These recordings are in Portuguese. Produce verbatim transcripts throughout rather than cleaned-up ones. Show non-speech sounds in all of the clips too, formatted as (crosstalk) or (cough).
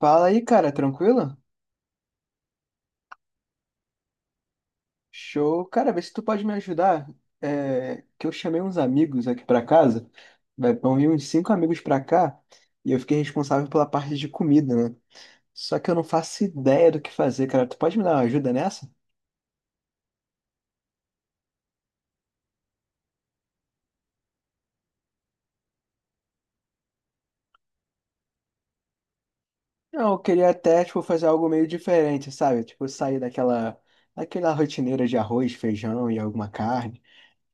Fala aí, cara, tranquilo? Show. Cara, vê se tu pode me ajudar. É, que eu chamei uns amigos aqui pra casa. Vai vão vir uns cinco amigos pra cá e eu fiquei responsável pela parte de comida, né? Só que eu não faço ideia do que fazer, cara. Tu pode me dar uma ajuda nessa? Não, eu queria até, tipo, fazer algo meio diferente, sabe? Tipo, sair daquela, daquela rotineira de arroz, feijão e alguma carne.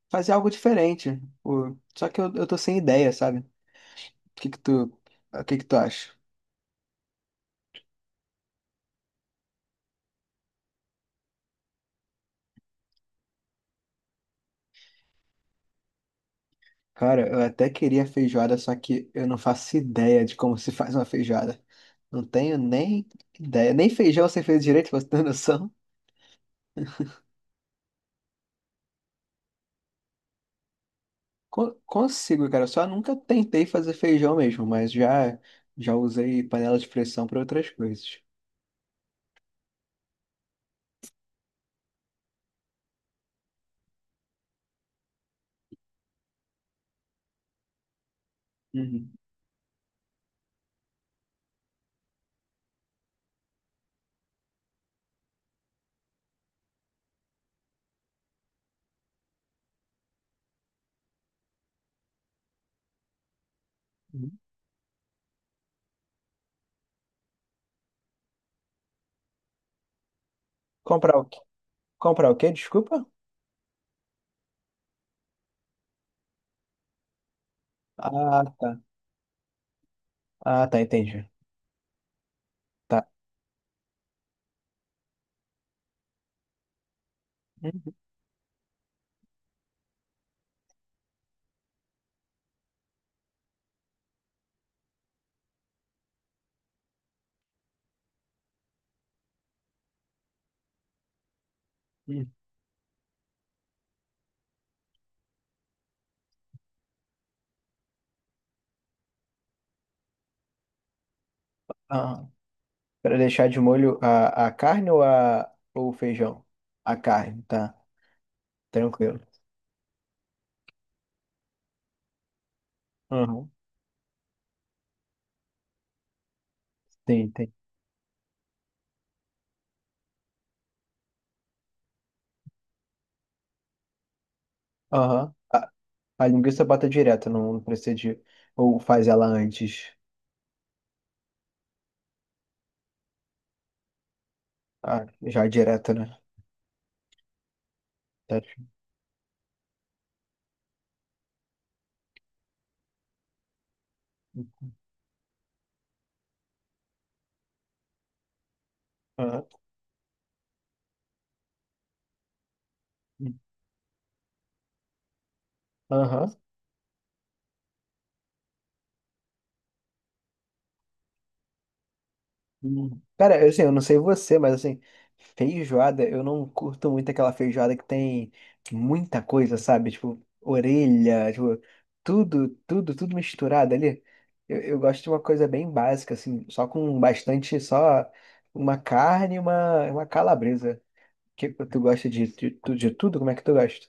Fazer algo diferente. Pô, só que eu, eu tô sem ideia, sabe? O que que tu, o que que tu acha? Cara, eu até queria feijoada, só que eu não faço ideia de como se faz uma feijoada. Não tenho nem ideia. Nem feijão você fez direito, pra você ter (laughs) noção. Con- consigo, cara. Eu só nunca tentei fazer feijão mesmo, mas já, já usei panela de pressão para outras coisas. Uhum. Uhum. Comprar o quê? Comprar o quê? Desculpa? Ah, tá. Ah, tá, entendi. Tá. Hum, hum. Ah, para deixar de molho a, a carne ou, a, ou o feijão? A carne, tá. Tranquilo. Uhum. Sim, entendi. Aham. A, a linguiça bota direto, não não precisa de. Ou faz ela antes. Ah, já direto, né? Tá. Aham. Aham. Hum. Cara, eu, assim, eu não sei você, mas assim, feijoada, eu não curto muito aquela feijoada que tem muita coisa, sabe? Tipo, orelha, tipo, tudo, tudo, tudo misturado ali. Eu, eu gosto de uma coisa bem básica, assim, só com bastante, só uma carne e uma, uma calabresa. Que que tu gosta de, de, tu- de tudo? Como é que tu gosta?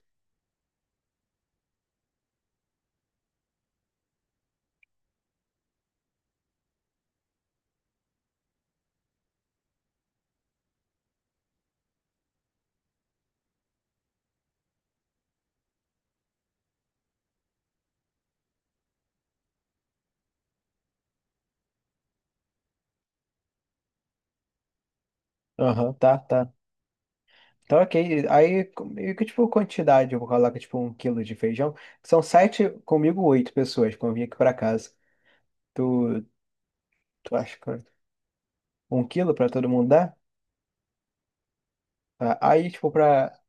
Aham, tá, tá. Então, ok. Aí, com- e que tipo quantidade? Eu vou colocar tipo um quilo de feijão. São sete, comigo oito pessoas, quando eu vim aqui pra casa. Tu, tu acha que um quilo pra todo mundo dá? Tá. Aí, tipo, pra.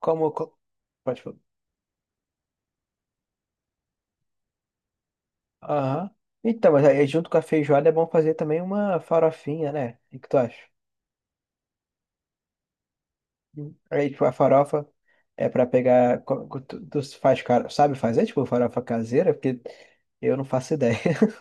Como. co- Pode falar. Aham. Então, mas aí junto com a feijoada é bom fazer também uma farofinha, né? O que que tu acha? Aí, tipo, a farofa é pra pegar. co- co- Tu tu faz, cara, sabe fazer, tipo, farofa caseira? Porque eu não faço ideia. (laughs)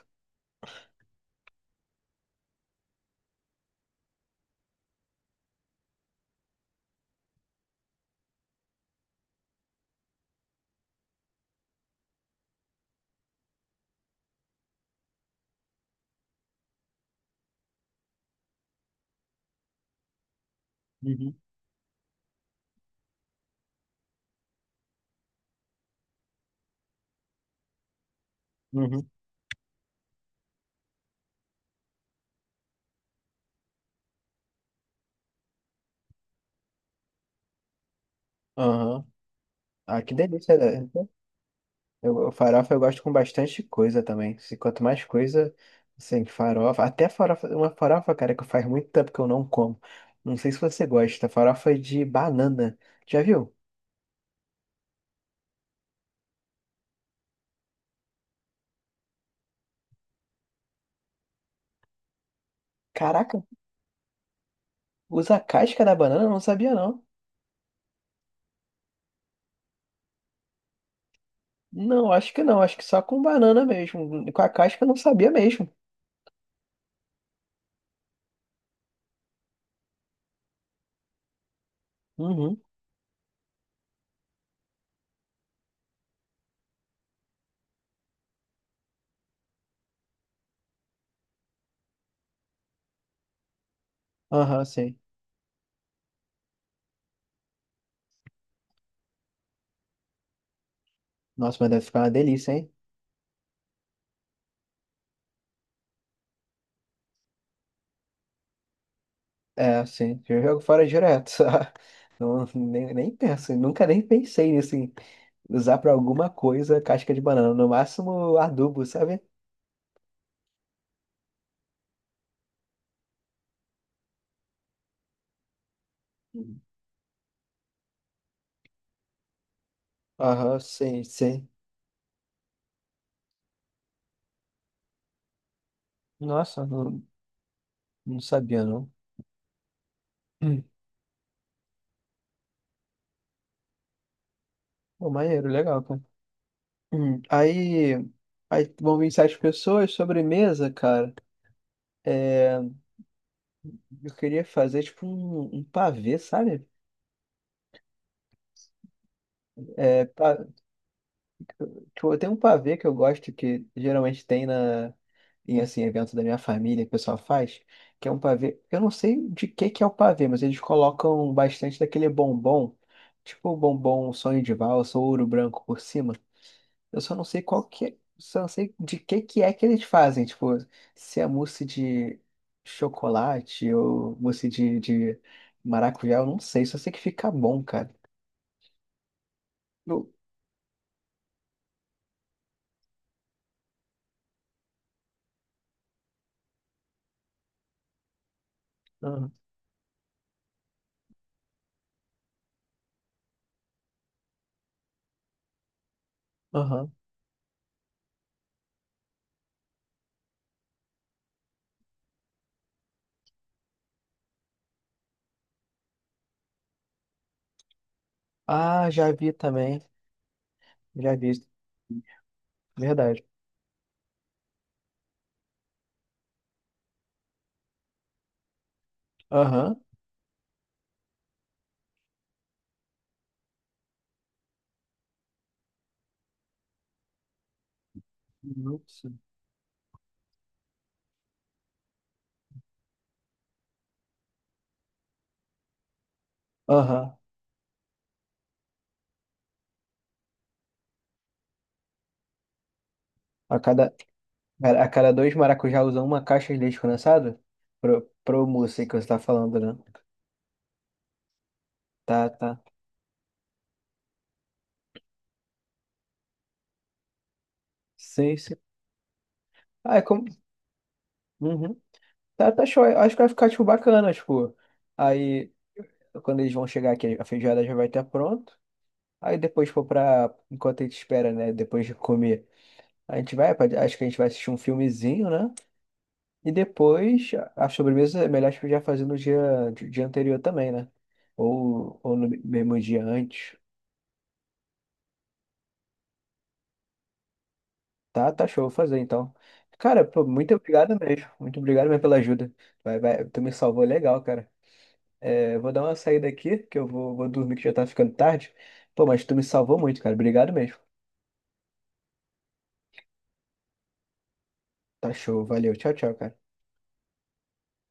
Uhum, uhum. Aham. Ah, que delícia, né? Eu, eu- farofa eu gosto com bastante coisa também. Se, quanto mais coisa, assim, farofa. Até farofa, uma farofa, cara, que faz muito tempo que eu não como. Não sei se você gosta. Farofa de banana. Já viu? Caraca, usa a casca da banana? Eu não sabia, não. Não, acho que não. Acho que só com banana mesmo. Com a casca eu não sabia mesmo. Uhum. Aham, sim. Nossa, mas deve ficar uma delícia, hein? É, sim. Eu jogo fora direto. (laughs) Não, nem, nem penso, nunca nem pensei nisso, em usar pra alguma coisa casca de banana. No máximo adubo, sabe? Uhum. Aham, sim, sim. Nossa, não, não sabia, não. Hum. Pô, maneiro, legal, cara. Hum. Aí, aí vão vir sete pessoas, sobremesa, cara. É, eu queria fazer tipo um, um pavê, sabe? É, tipo, tem um pavê que eu gosto que geralmente tem na em assim evento da minha família que o pessoal faz, que é um pavê. Eu não sei de que que é o pavê, mas eles colocam bastante daquele bombom, tipo o bombom sonho de valsa ou ouro branco por cima. Eu só não sei qual que é, só não sei de que que é que eles fazem, tipo, se é mousse de chocolate ou mousse de, de maracujá, eu não sei, só sei que fica bom, cara. Eu- Aham. Aham. Ah, já vi também. Já visto. Verdade. Aham. Nossa. Aham. A cada, a cada dois maracujá usa uma caixa de leite condensado? Pro, pro mousse aí que você tá falando, né? Tá, tá. Sim, sim. Ah, é como... Uhum. Tá, tá show. Eu acho que vai ficar, tipo, bacana, tipo... Aí, quando eles vão chegar aqui, a feijoada já vai estar pronto. Aí depois for pra... Enquanto a gente espera, né? Depois de comer. A gente vai... pra- Acho que a gente vai assistir um filmezinho, né? E depois, a a sobremesa é melhor tipo, já fazer no dia, dia, anterior também, né? Ou, ou no mesmo dia antes. Tá, tá show, vou fazer então. Cara, pô, muito obrigado mesmo. Muito obrigado mesmo pela ajuda. Vai, vai, tu me salvou legal, cara. É, vou dar uma saída aqui, que eu vou, vou, dormir que já tá ficando tarde. Pô, mas tu me salvou muito, cara. Obrigado mesmo. Tá show, valeu. Tchau, tchau, cara.